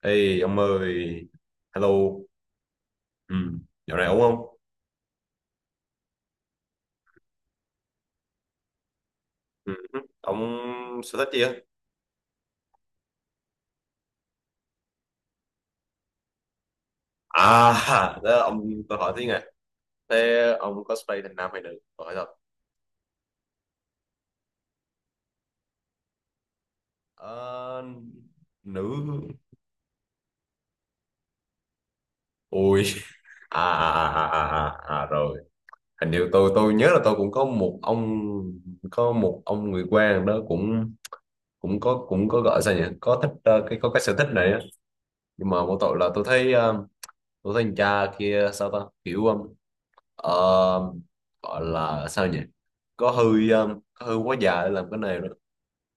Ê ông ơi, hello, ừ, dạo này ổn không? Ừ. Ông sở thích gì á? À, đó, ông tôi hỏi tí nè. Thế ông cosplay thành nam hay nữ? Tôi hỏi thật. Ờ, nữ. Ui, à, à, à, à, à, à, à, rồi. Hình như tôi nhớ là tôi cũng có một ông người quen đó cũng cũng có gọi sao nhỉ? Có thích cái có cái sở thích này á. Nhưng mà một tội là tôi thấy tôi thấy anh cha kia sao ta? Kiểu ờ, Ờ, Gọi là sao nhỉ, có hơi quá già để làm cái này đó,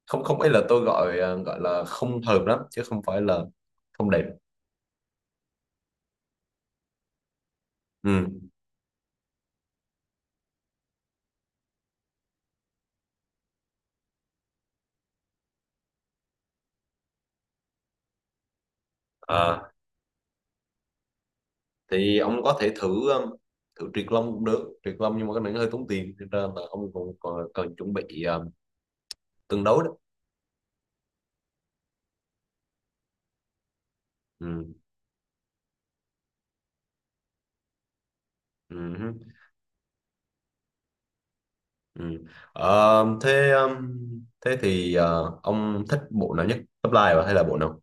không không ấy là tôi gọi gọi là không hợp lắm chứ không phải là không đẹp. Ừ. Ờ, thì ông có thể thử thử triệt lông cũng được, triệt lông nhưng mà cái này nó hơi tốn tiền cho nên là ông còn còn cần chuẩn bị tương đối đó. Ừ. Ừ. Ừ. Ờ, thế Thế thì ông thích bộ nào nhất, top line à, hay là bộ nào?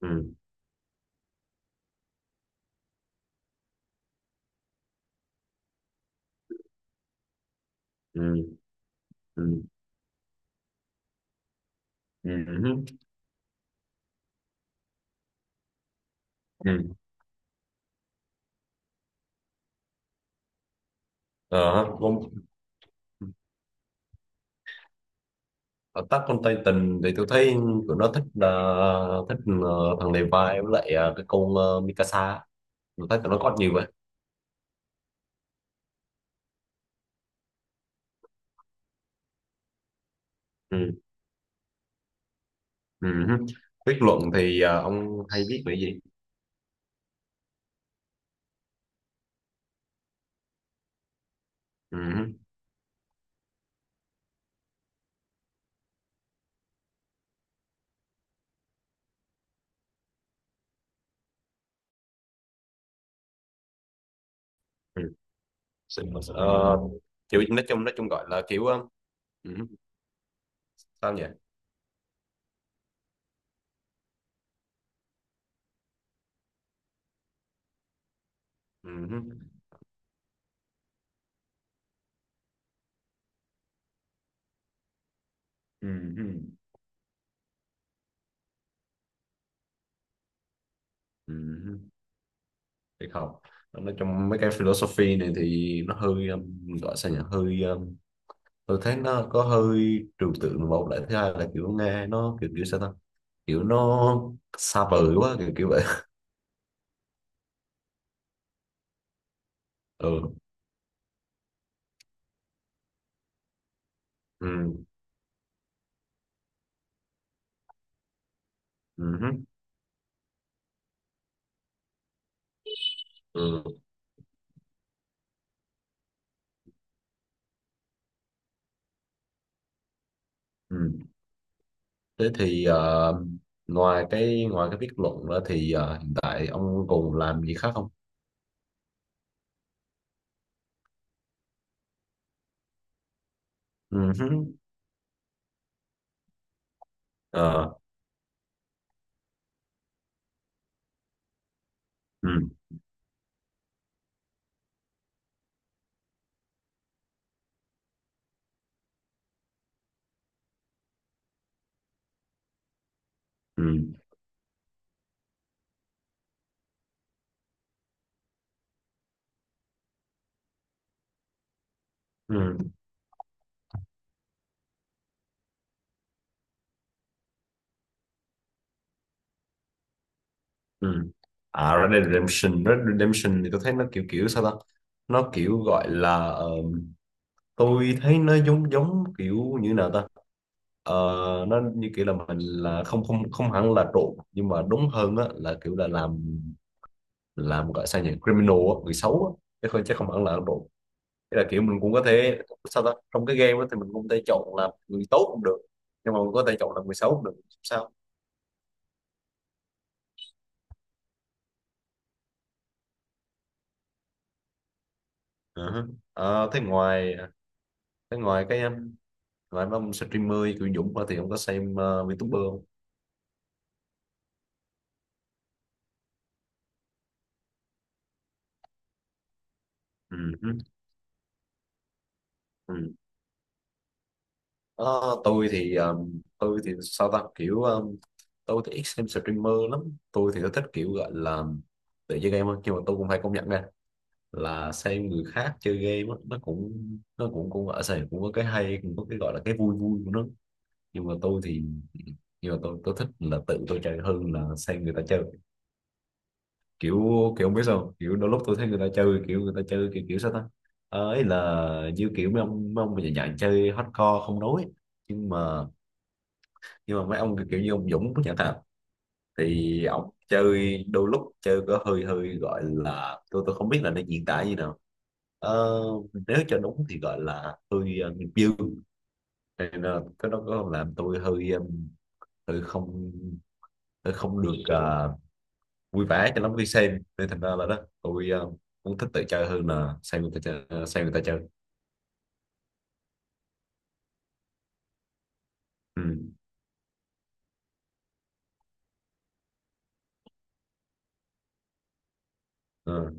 Ừ. Ừ. Ừ. Ừ. Ừ. Ừ. Ờ, Ở Attack on Titan thì tôi thấy tụi nó thích thích thằng Levi với lại cái con Mikasa, tôi thấy tụi nó có nhiều vậy. Ừ. Ừ. Viết luận thì ông hay viết về gì? Ừ. Ừ. Ờ, kiểu nói chung gọi là kiểu ừ, sao nhỉ. Ừ. Ừ. Ừ. Ừ. Thì không, nói chung mấy cái philosophy này thì nó hơi gọi sao nhỉ, hơi tôi thấy nó có hơi trừu tượng, một lại thứ hai là kiểu nghe nó kiểu kiểu sao ta, kiểu nó xa vời quá kiểu kiểu vậy. Ừ. Ừ. Ừ. Ừ, ừ. Thế thì ngoài cái viết luận đó thì hiện tại ông còn làm gì khác không? Ừ hứ. Ờ. Ừ. Ừ. Ừ. Ừ. À, Red Dead Redemption, Red Dead Redemption thì tôi thấy nó kiểu kiểu sao ta, nó kiểu gọi là tôi thấy nó giống giống kiểu như nào ta. Ờ, nó như kiểu là mình là không không không hẳn là trộn nhưng mà đúng hơn á là kiểu là làm gọi sao nhỉ, criminal á, người xấu á, chứ không hẳn là ác độ. Thế là kiểu mình cũng có thể sao ta, trong cái game á thì mình cũng có thể chọn làm người tốt cũng được, nhưng mà mình có thể chọn làm người xấu cũng được, sao. Ờ. Ờ, thế ngoài cái Ngoài mấy ông streamer kiểu Dũng ra thì ông có xem VTuber không? ừ, hứ, ừ. Ờ, tôi thì sao ta, kiểu tôi thì ít xem streamer lắm, tôi thì tôi thích kiểu gọi là tự chơi game hơn, nhưng mà tôi cũng phải công nhận nha, là xem người khác chơi game á, nó cũng cũng ở sài, cũng có cái hay, cũng có cái gọi là cái vui vui của nó, nhưng mà tôi thì nhưng mà tôi thích là tự tôi chơi hơn là xem người ta chơi, kiểu kiểu không biết sao không? Kiểu đôi lúc tôi thấy người ta chơi kiểu người ta chơi kiểu kiểu sao ta. Ờ, ấy là như kiểu mấy ông mà dạng dạng chơi hardcore không nói, nhưng mà nhưng mà mấy ông kiểu kiểu như ông Dũng chẳng hạn, thì ổng chơi đôi lúc chơi có hơi hơi gọi là tôi không biết là nó diễn tả như nào. Ờ, nếu cho đúng thì gọi là hơi nghiệp dư, nên là cái đó có làm tôi hơi hơi không hơi không được vui vẻ cho lắm khi xem, nên thành ra là đó tôi cũng thích tự chơi hơn là xem người ta chơi, ờ, xem người ta chơi. Ừ. Ờ.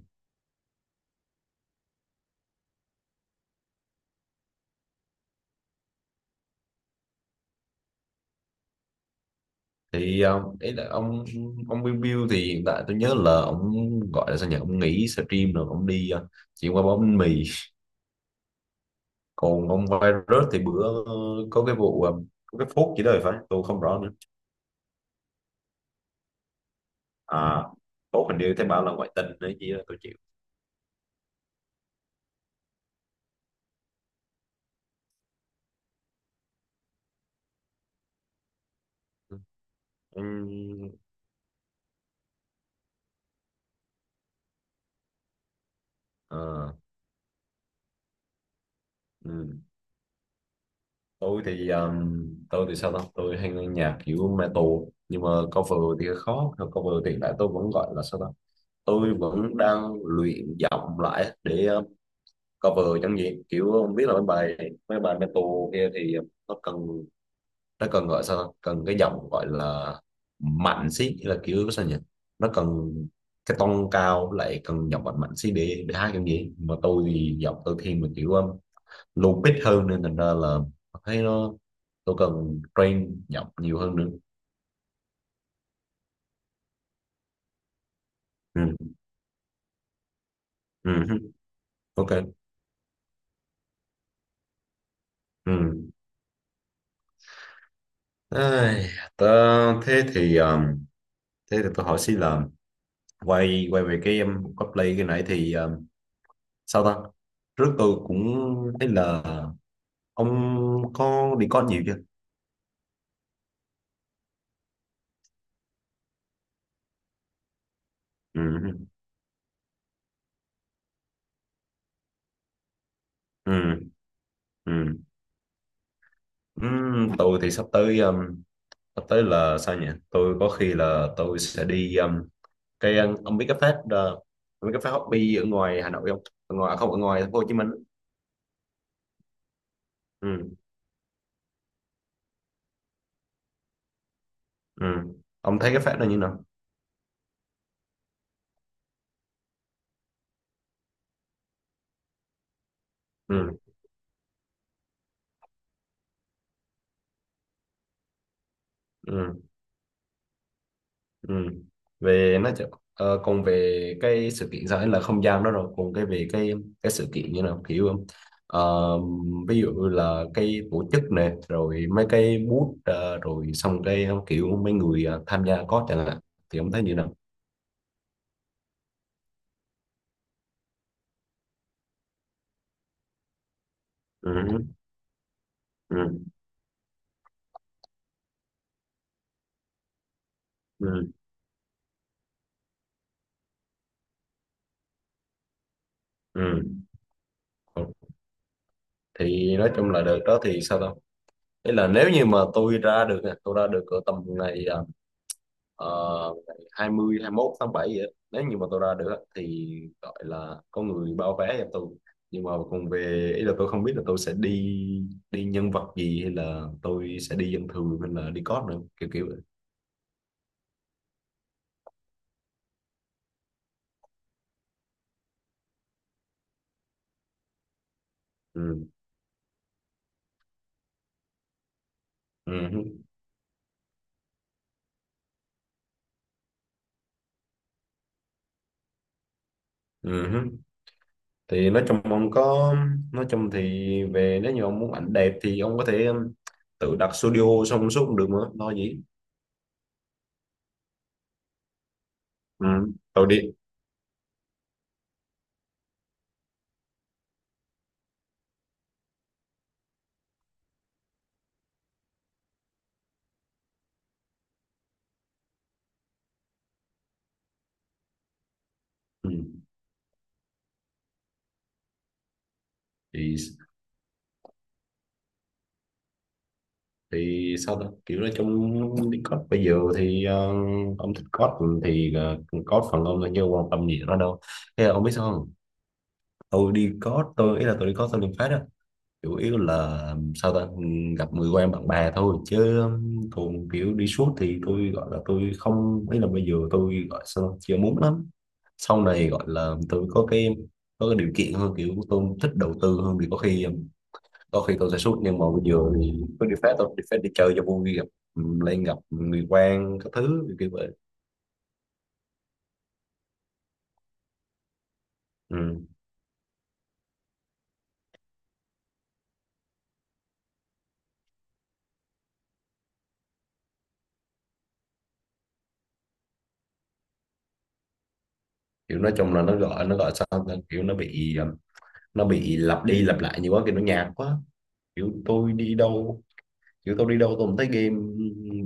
Thì ý là ông Bill Bill thì hiện tại tôi nhớ là ông gọi là sao nhỉ, ông nghỉ stream rồi ông đi chuyển qua bóng bánh mì, còn ông virus thì bữa có cái vụ có cái phốt chỉ đời phải, tôi không rõ nữa. À, phốt hình như thấy bảo là ngoại tình đấy, chứ tôi chịu. Ừm, ờ, ừm. Tôi thì tôi thì sao ta, tôi hay nghe nhạc kiểu metal, nhưng mà cover thì khó cover, hiện tại tôi vẫn gọi là sao ta, tôi vẫn đang luyện giọng lại để cover chẳng gì kiểu không biết là mấy bài metal kia thì nó cần gọi sao ta? Cần cái giọng gọi là mạnh xí là kiểu sao nhỉ, nó cần cái tông cao lại cần giọng mạnh mạnh xí để hát kiểu gì, mà tôi thì giọng tôi thiên về kiểu low pitch hơn, nên thành ra là thấy nó tôi cần train giọng nhiều hơn nữa. Ừ. Ừ. Ok. Ừ. Ai, tớ- thế thì um, thế thì tôi hỏi xin là quay quay về cái cosplay cái nãy thì sao ta, trước tôi cũng thấy là ông có đi con nhiều chưa? Ừ. Ừ. Ừ. Ừ. Tôi thì sắp tới là sao nhỉ, tôi có khi là tôi sẽ đi cái ông biết cái fest ông biết cái fest hobby ở ngoài Hà Nội không, ở ngoài à, không, ở ngoài thành phố Hồ Chí Minh? Ừ. Ừ. Ông thấy cái fest này như nào? Ừ. Ừ. Ừ. Về nó ờ, còn về cái sự kiện sao ấy là không gian đó rồi, còn cái về cái sự kiện như nào kiểu không? Ờ, ví dụ là cái tổ chức này rồi mấy cái booth rồi xong cái kiểu mấy người tham gia có chẳng hạn, thì ông thấy như nào? Ừ. Ừ. Ừ. Ừ. Ừ. Thì nói chung là đợt đó thì sao đâu. Ý là nếu như mà tôi ra được nè, tôi ra được ở tầm ngày uh, 20 21 tháng 7 vậy á, nếu như mà tôi ra được á, thì gọi là có người bao vé cho tôi, nhưng mà còn về, ý là tôi không biết là tôi sẽ đi đi nhân vật gì hay là tôi sẽ đi dân thường hay là đi cóp nữa kiểu kiểu vậy. Ừ. Ừ. Ừ. Thì nói chung ông có nói chung thì về nếu như ông muốn ảnh đẹp thì ông có thể tự đặt studio xong suốt cũng được mà lo gì. Ừ. Tôi đi. Ừ. thì thì sao ta, kiểu nói chung đi code bây giờ thì ông thích code thì code phần ông thôi chứ ông quan tâm gì nó đâu, thế là ông biết sao không, tôi đi code tôi ý là tôi đi code tôi liền phát á, chủ yếu là ừ, sao ta ừ, gặp người quen bạn bè thôi chứ, còn kiểu đi suốt thì tôi gọi là tôi không, ý là bây giờ tôi gọi sao ta? Chưa muốn lắm, sau này gọi là tôi có cái điều kiện hơn kiểu tôi thích đầu tư hơn thì có khi ừ, đôi khi tôi sẽ sút, nhưng mà bây giờ thì có đi phép tôi đi phép đi chơi cho vui gặp ừ, lên gặp người quen các thứ kiểu kiểu vậy. Ừ. Kiểu nói chung là nó gọi sao ta? Kiểu nó bị nó bị lặp đi lặp lại nhiều quá, kiểu nó nhạt quá, kiểu tôi đi đâu kiểu tôi đi đâu tôi cũng thấy game,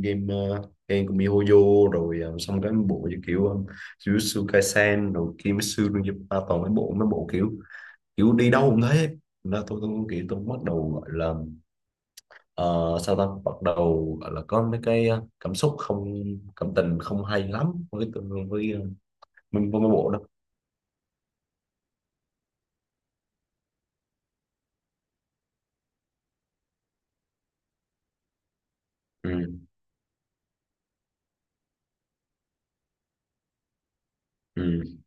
game game của MiHoYo rồi xong cái bộ như kiểu Jujutsu Kaisen rồi Kimetsu no Yaiba, toàn mấy bộ kiểu kiểu đi đâu cũng thế. Thành tôi kiểu tôi bắt đầu gọi là Ờ, sau đó bắt đầu gọi là có mấy cái cảm xúc không cảm tình không hay lắm với với mấy bộ đó. Ừ. Ừ.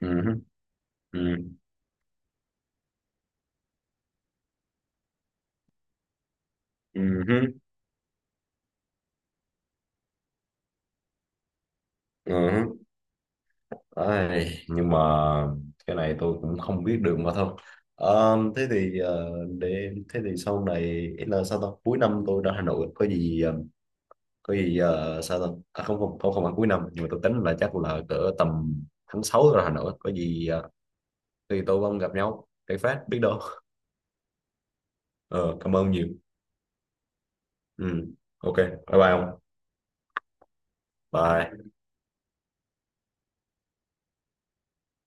Ừ. Ừ. Ừ. Ừ. Ừ. Ai, nhưng mà cái này tôi cũng không biết được mà thôi. Ờ, thế thì để thế thì sau này, ý là sao ta, cuối năm tôi ra Hà Nội có gì có gì sao ta, à, không không không không phải cuối năm, nhưng mà tôi tính là chắc là cỡ tầm tháng 6 tôi ra Hà Nội có gì thì tôi không gặp nhau cái phát biết đâu. Ờ, cảm ơn nhiều. Ừ. Ok, bye bye ông. Bye.